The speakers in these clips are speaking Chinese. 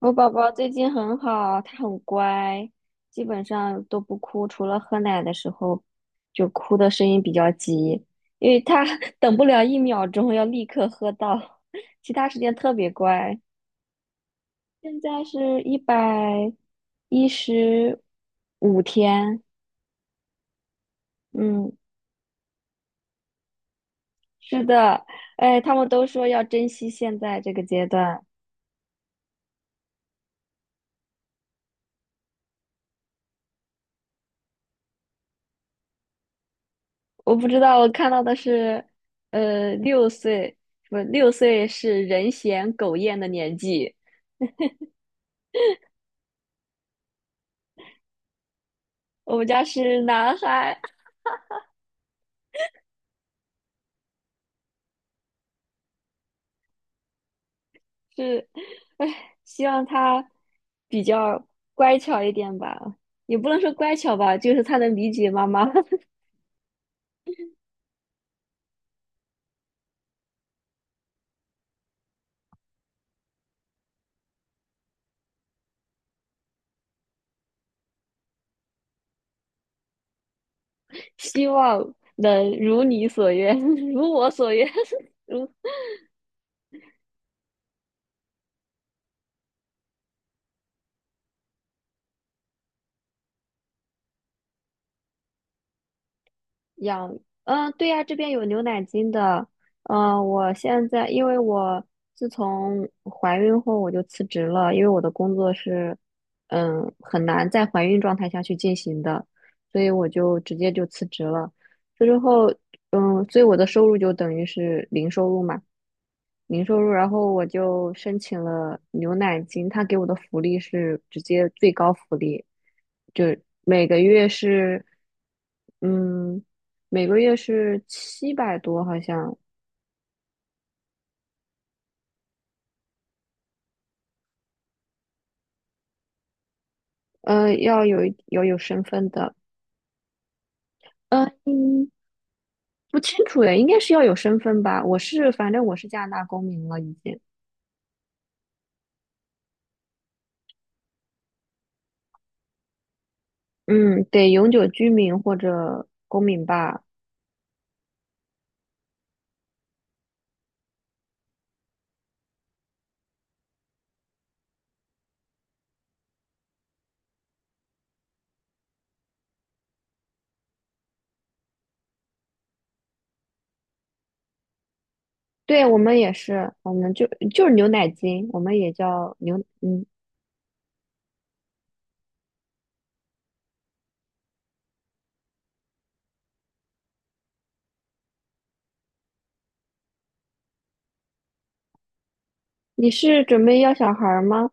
我宝宝最近很好，他很乖，基本上都不哭，除了喝奶的时候，就哭的声音比较急，因为他 等不了1秒钟，要立刻喝到，其他时间特别乖。现在是115天，嗯，是的，哎，他们都说要珍惜现在这个阶段。我不知道，我看到的是，六岁，不，六岁是人嫌狗厌的年纪。我们家是男孩，是，唉，希望他比较乖巧一点吧，也不能说乖巧吧，就是他能理解妈妈，希望能如你所愿，如我所愿，如。养，嗯，对呀，这边有牛奶金的。嗯，我现在因为我自从怀孕后我就辞职了，因为我的工作是，嗯，很难在怀孕状态下去进行的，所以我就直接就辞职了。辞职后，嗯，所以我的收入就等于是零收入嘛，零收入。然后我就申请了牛奶金，他给我的福利是直接最高福利，就每个月是，嗯，每个月是700多，好像，要有身份的，呃嗯，不清楚诶，应该是要有身份吧？我是，反正我是加拿大公民了，已经，嗯，得永久居民或者公民吧？对，我们也是，我们就是牛奶金，我们也叫牛，嗯，你是准备要小孩儿吗？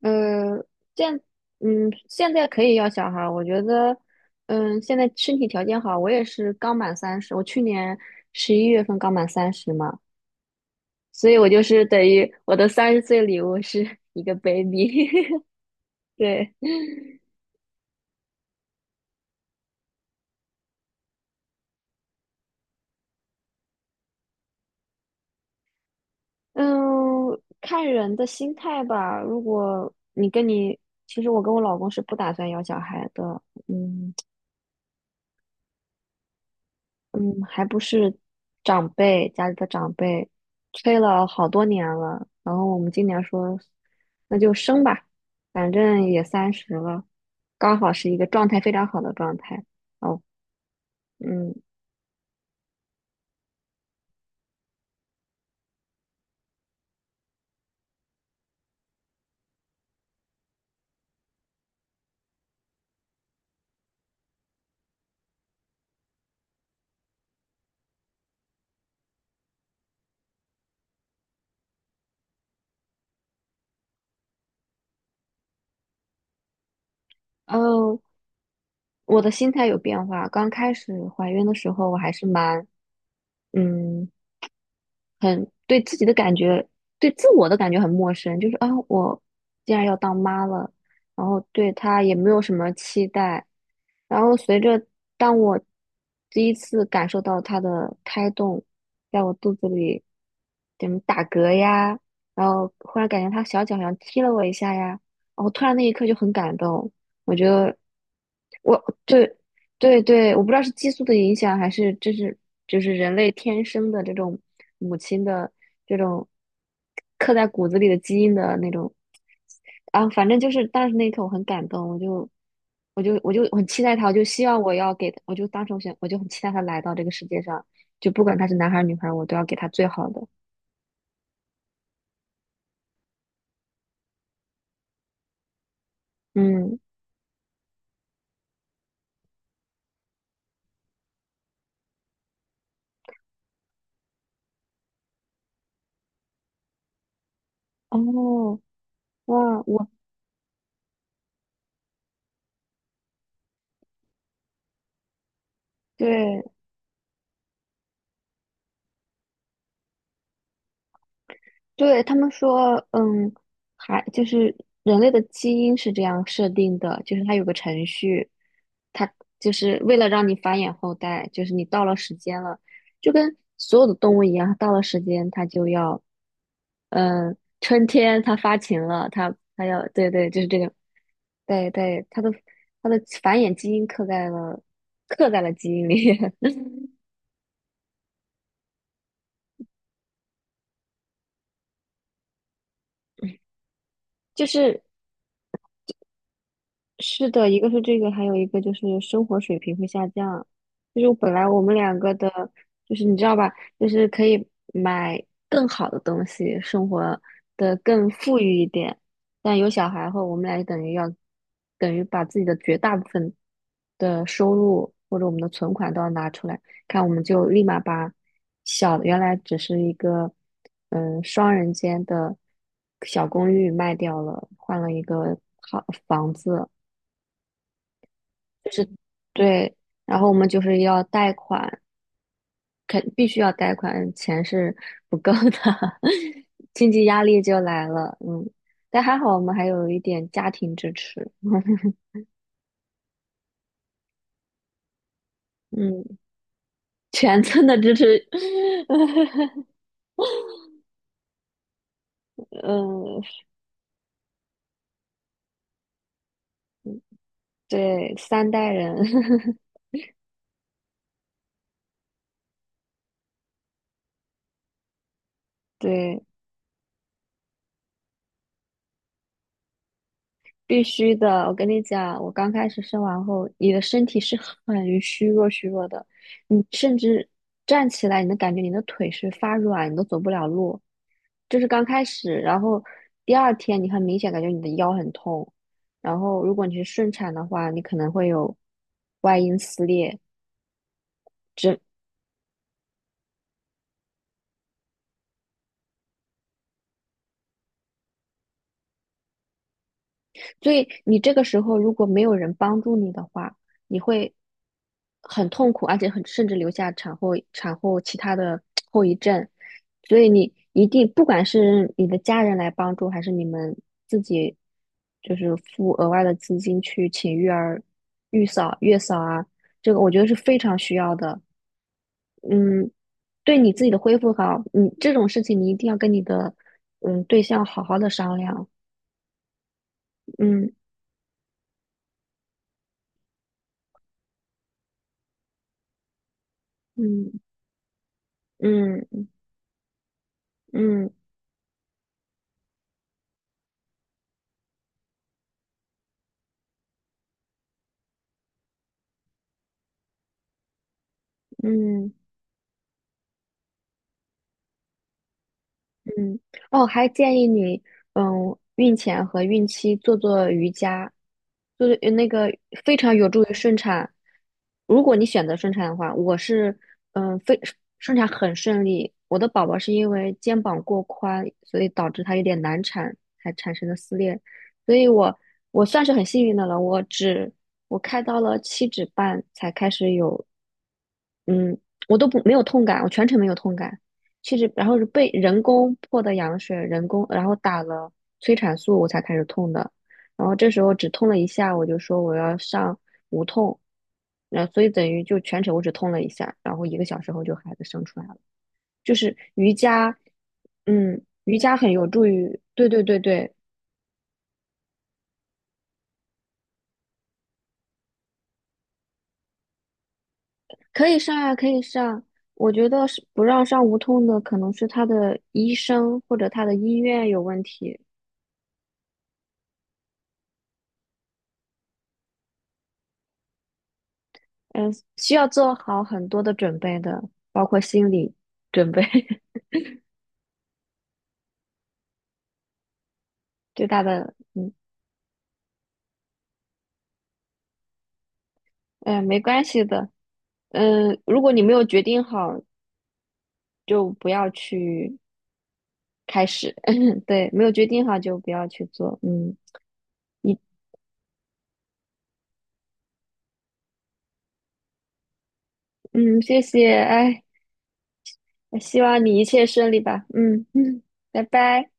呃，现现在可以要小孩儿我觉得，嗯，现在身体条件好，我也是刚满三十，我去年11月份刚满三十嘛，所以我就是等于我的30岁礼物是 一个 baby，对，嗯，看人的心态吧。如果你跟你，其实我跟我老公是不打算要小孩的，嗯，嗯，还不是长辈家里的长辈催了好多年了，然后我们今年说那就生吧，反正也三十了，刚好是一个状态非常好的状态。哦，嗯，哦，我的心态有变化。刚开始怀孕的时候，我还是嗯很对自己的感觉，对自我的感觉很陌生，就是啊，我既然要当妈了，然后对她也没有什么期待，然后随着当我第一次感受到他的胎动，在我肚子里怎么打嗝呀，然后忽然感觉他小脚好像踢了我一下呀，然后突然那一刻就很感动，我觉得我就。对对，我不知道是激素的影响，还是就是人类天生的这种母亲的这种刻在骨子里的基因的那种啊，反正就是当时那一刻我很感动，我就很期待他，我就希望我要给他，我就当时我想我就很期待他来到这个世界上，就不管他是男孩儿女孩儿，我都要给他最好的。嗯，哦，哇，我对。对，他们说，嗯，还就是人类的基因是这样设定的，就是它有个程序，它就是为了让你繁衍后代，就是你到了时间了，就跟所有的动物一样，到了时间它就要，嗯，春天它发情了，它要，对对，就是这个，对对，它的繁衍基因刻在了基因里，就是。是的，一个是这个，还有一个就是生活水平会下降。就是本来我们两个的，就是你知道吧，就是可以买更好的东西，生活的更富裕一点。但有小孩后，我们俩就等于要，等于把自己的绝大部分的收入或者我们的存款都要拿出来，看我们就立马原来只是一个双人间的小公寓卖掉了，换了一个好房子。对，然后我们就是要贷款，必须要贷款，钱是 不够的，经济压力就来了。嗯，但还好我们还有一点家庭支持，嗯，全村的支持，嗯，对，三代人，对。必须的，我跟你讲，我刚开始生完后，你的身体是很虚弱、虚弱的，你甚至站起来，你能感觉你的腿是发软，你都走不了路。就是刚开始，然后第二天你很明显感觉你的腰很痛，然后如果你是顺产的话，你可能会有外阴撕裂，整所以你这个时候如果没有人帮助你的话，你会很痛苦，而且甚至留下产后其他的后遗症。所以你一定，不管是你的家人来帮助，还是你们自己就是付额外的资金去请育儿、育嫂、月嫂啊，这个我觉得是非常需要的。嗯，对你自己的恢复好，你这种事情你一定要跟你的对象好好的商量。嗯嗯嗯。嗯嗯嗯，哦，还建议你，嗯，孕前和孕期做做瑜伽，做做非常有助于顺产。如果你选择顺产的话，我是，嗯，非顺产很顺利。我的宝宝是因为肩膀过宽，所以导致他有点难产，才产生的撕裂。所以我算是很幸运的了，我开到了7指半才开始有，嗯，我都不没有痛感，我全程没有痛感。其实然后是被人工破的羊水，人工然后打了催产素，我才开始痛的。然后这时候只痛了一下，我就说我要上无痛，然后所以等于就全程我只痛了一下，然后1个小时后就孩子生出来了。就是瑜伽，嗯，瑜伽很有助于，对对对对，可以上呀，可以上。我觉得是不让上无痛的，可能是他的医生或者他的医院有问题。嗯，需要做好很多的准备的，包括心理准备，最大的，嗯，哎，没关系的，嗯，如果你没有决定好，就不要去开始，对，没有决定好就不要去做，嗯，一，嗯，谢谢，哎，希望你一切顺利吧，嗯嗯，拜拜。